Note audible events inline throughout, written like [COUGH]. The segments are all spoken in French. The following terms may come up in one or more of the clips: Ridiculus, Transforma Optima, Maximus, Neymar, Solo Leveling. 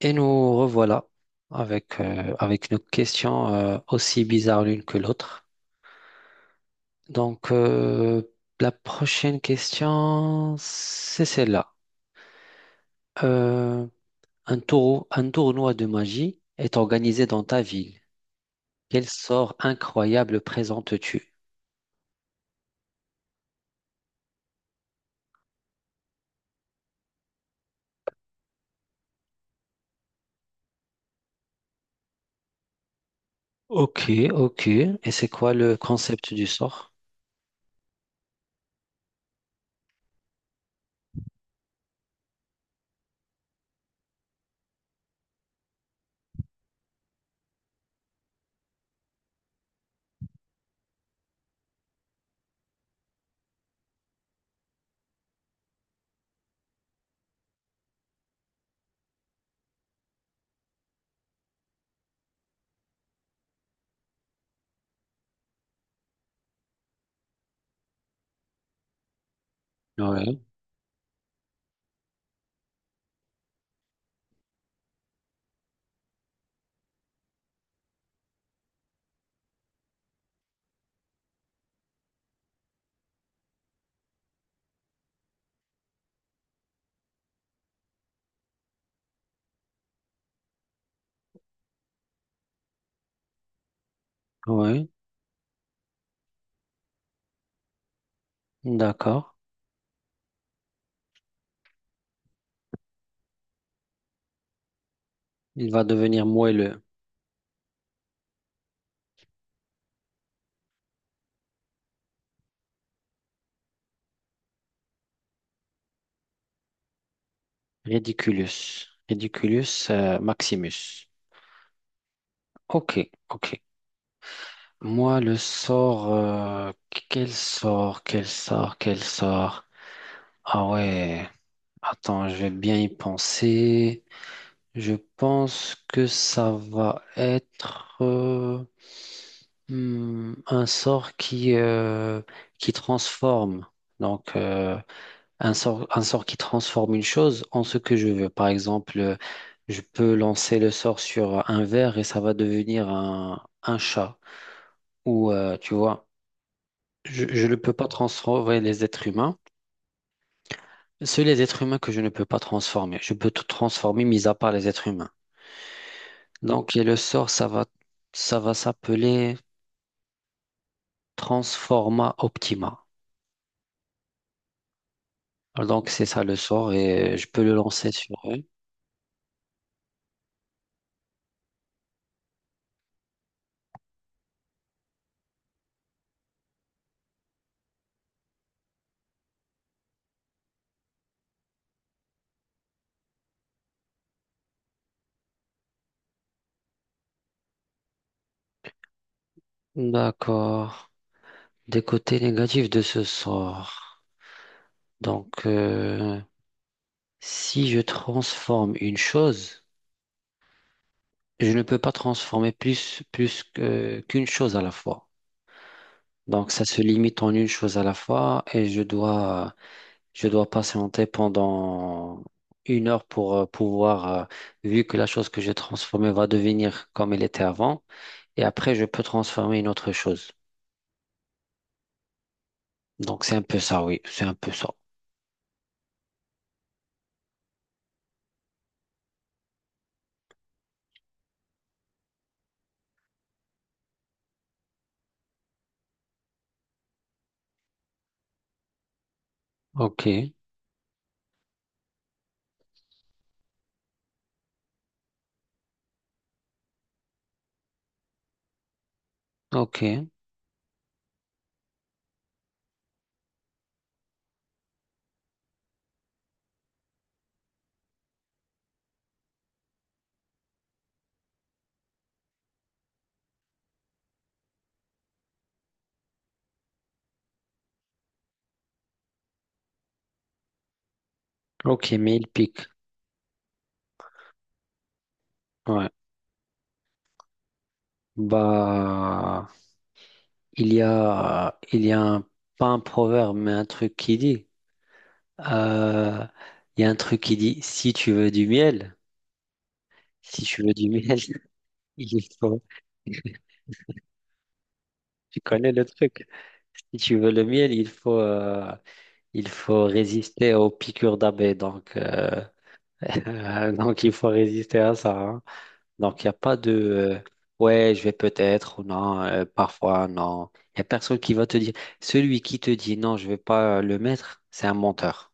Et nous revoilà avec, avec nos questions aussi bizarres l'une que l'autre. Donc, euh, la prochaine question, c'est celle-là. Euh, un tournoi de magie est organisé dans ta ville. Quel sort incroyable présentes-tu? Ok, ok. Et c'est quoi le concept du sort? Ouais, ouais, d'accord. Il va devenir moelleux. Ridiculus. Ridiculus, Maximus. Ok, ok. Moi, le sort, quel sort, quel sort, quel sort. Ah ouais, attends, je vais bien y penser. Je pense que ça va être hmm, un sort qui qui transforme. Donc, euh, un sort, un sort qui transforme une chose en ce que je veux. Par exemple, je peux lancer le sort sur un verre et ça va devenir un chat. Ou, tu vois. Je ne peux pas transformer les êtres humains. Seuls les êtres humains que je ne peux pas transformer. Je peux tout transformer, mis à part les êtres humains. Donc, et le sort, ça va s'appeler Transforma Optima. Donc, c'est ça le sort et je peux le lancer sur eux. D'accord. Des côtés négatifs de ce sort. Donc, euh, Si je transforme une chose, je ne peux pas transformer plus, qu'une chose à la fois. Donc ça se limite en une chose à la fois et je dois patienter pendant une heure pour pouvoir, vu que la chose que j'ai transformée va devenir comme elle était avant, et après je peux transformer une autre chose. Donc c'est un peu ça, oui, c'est un peu ça. Ok, ok, ok, mais il pique. Ouais. Bah, il y a un, pas un proverbe, mais un truc qui dit. euh, il y a un truc qui dit, si tu veux du miel, si tu veux du miel. Il faut, tu connais le truc. Si tu veux le miel, il faut, il faut résister aux piqûres d'abeilles. [LAUGHS] Donc, il faut résister à ça. Hein. Donc, il n'y a pas de, ouais, je vais peut-être ou non, parfois non. Il n'y a personne qui va te dire. Celui qui te dit non, je ne vais pas le mettre, c'est un menteur.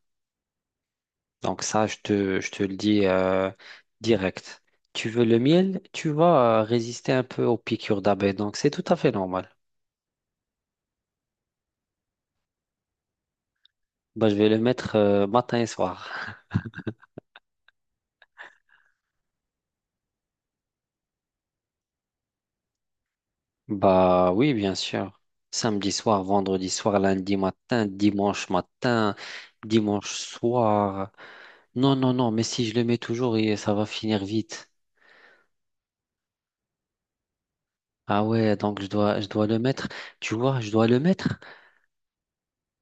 Donc, ça, je te le dis direct. Tu veux le miel, tu vas résister un peu aux piqûres d'abeilles. Donc, c'est tout à fait normal. Bah, je vais le mettre matin et soir. Bah oui, bien sûr. Samedi soir, vendredi soir, lundi matin, dimanche soir. Non, non, non, mais si je le mets toujours, et ça va finir vite. Ah ouais, donc je dois le mettre. Tu vois, je dois le mettre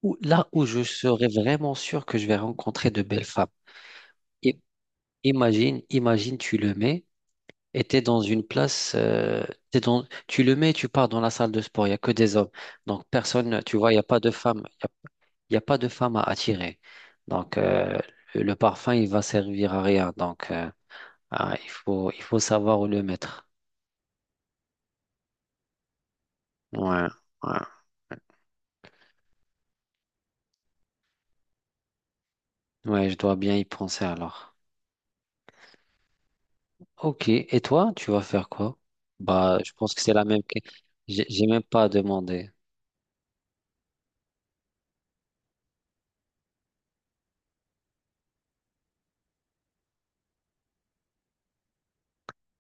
là où je serai vraiment sûr que je vais rencontrer de belles femmes. I- Imagine, imagine, tu le mets. Et t'es dans une place, t'es dans, tu le mets et tu pars dans la salle de sport, il n'y a que des hommes. Donc personne, tu vois, il n'y a pas de femme, il n'y a, il y a pas de femme à attirer. Donc euh, le parfum, il va servir à rien. Ah, il faut savoir où le mettre. Ouais, ouais. Ouais, je dois bien y penser alors. Ok, et toi, tu vas faire quoi? Bah, je pense que c'est la même. J'ai même pas demandé.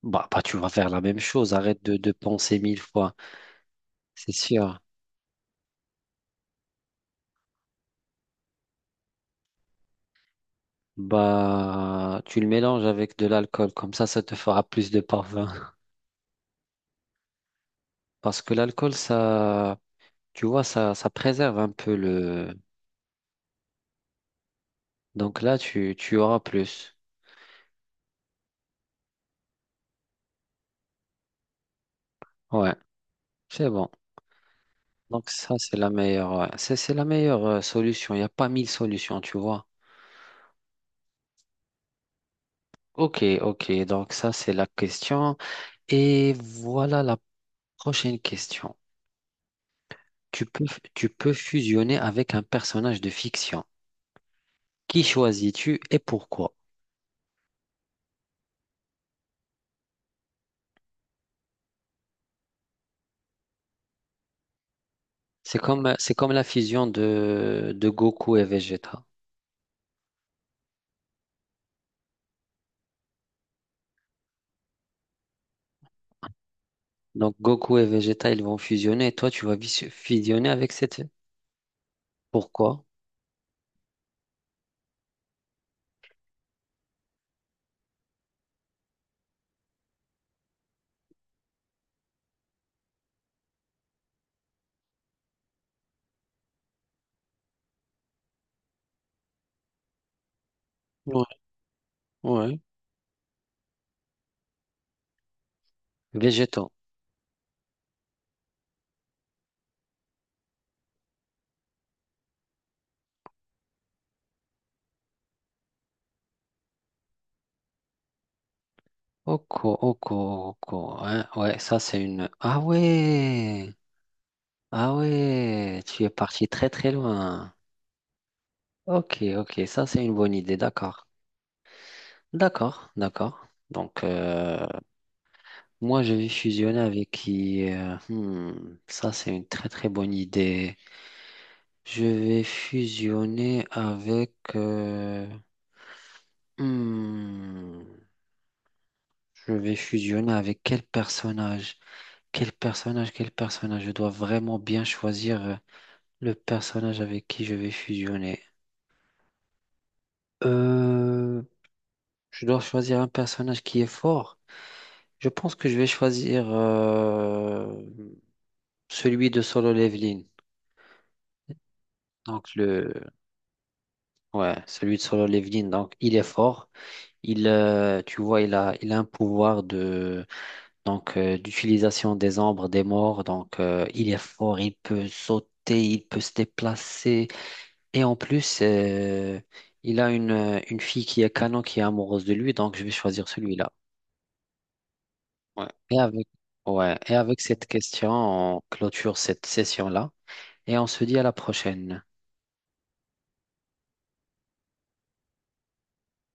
Bah, bah, tu vas faire la même chose, arrête de penser mille fois, c'est sûr. Bah, tu le mélanges avec de l'alcool, comme ça te fera plus de parfum. [LAUGHS] Parce que l'alcool, ça, tu vois, ça préserve un peu le. Donc là, tu auras plus. Ouais, c'est bon. Donc ça, c'est la meilleure, ouais. C'est la meilleure solution. Il n'y a pas mille solutions, tu vois. Ok, ok. Donc ça, c'est la question. Et voilà la prochaine question. Tu peux, tu peux fusionner avec un personnage de fiction. Qui choisis-tu et pourquoi? C'est comme la fusion de Goku et Vegeta. Donc, Goku et Vegeta, ils vont fusionner et toi, tu vas fusionner avec cette. Pourquoi? Ouais, ouais. Vegeta. Oko, oko, oko. Hein. Ouais, ça, c'est une. Ah ouais! Ah ouais! Tu es parti très, très loin. Ok, ok, ça, c'est une bonne idée. D'accord. D'accord, d'accord. Donc, euh, Moi, je vais fusionner avec qui? Hmm, ça, c'est une très, très bonne idée. Je vais fusionner avec... hmm, je vais fusionner avec quel personnage? Quel personnage? Quel personnage? Je dois vraiment bien choisir le personnage avec qui je vais fusionner. Euh, je dois choisir un personnage qui est fort. Je pense que je vais choisir celui de Solo Leveling. Donc le... Ouais, celui de Solo Leveling. Donc il est fort. Il tu vois, il a un pouvoir de d'utilisation des ombres, des morts. Il est fort, il peut sauter, il peut se déplacer. Et en plus, il a une fille qui est canon, qui est amoureuse de lui. Donc, je vais choisir celui-là. Ouais. Et avec, ouais. Et avec cette question, on clôture cette session-là et on se dit à la prochaine.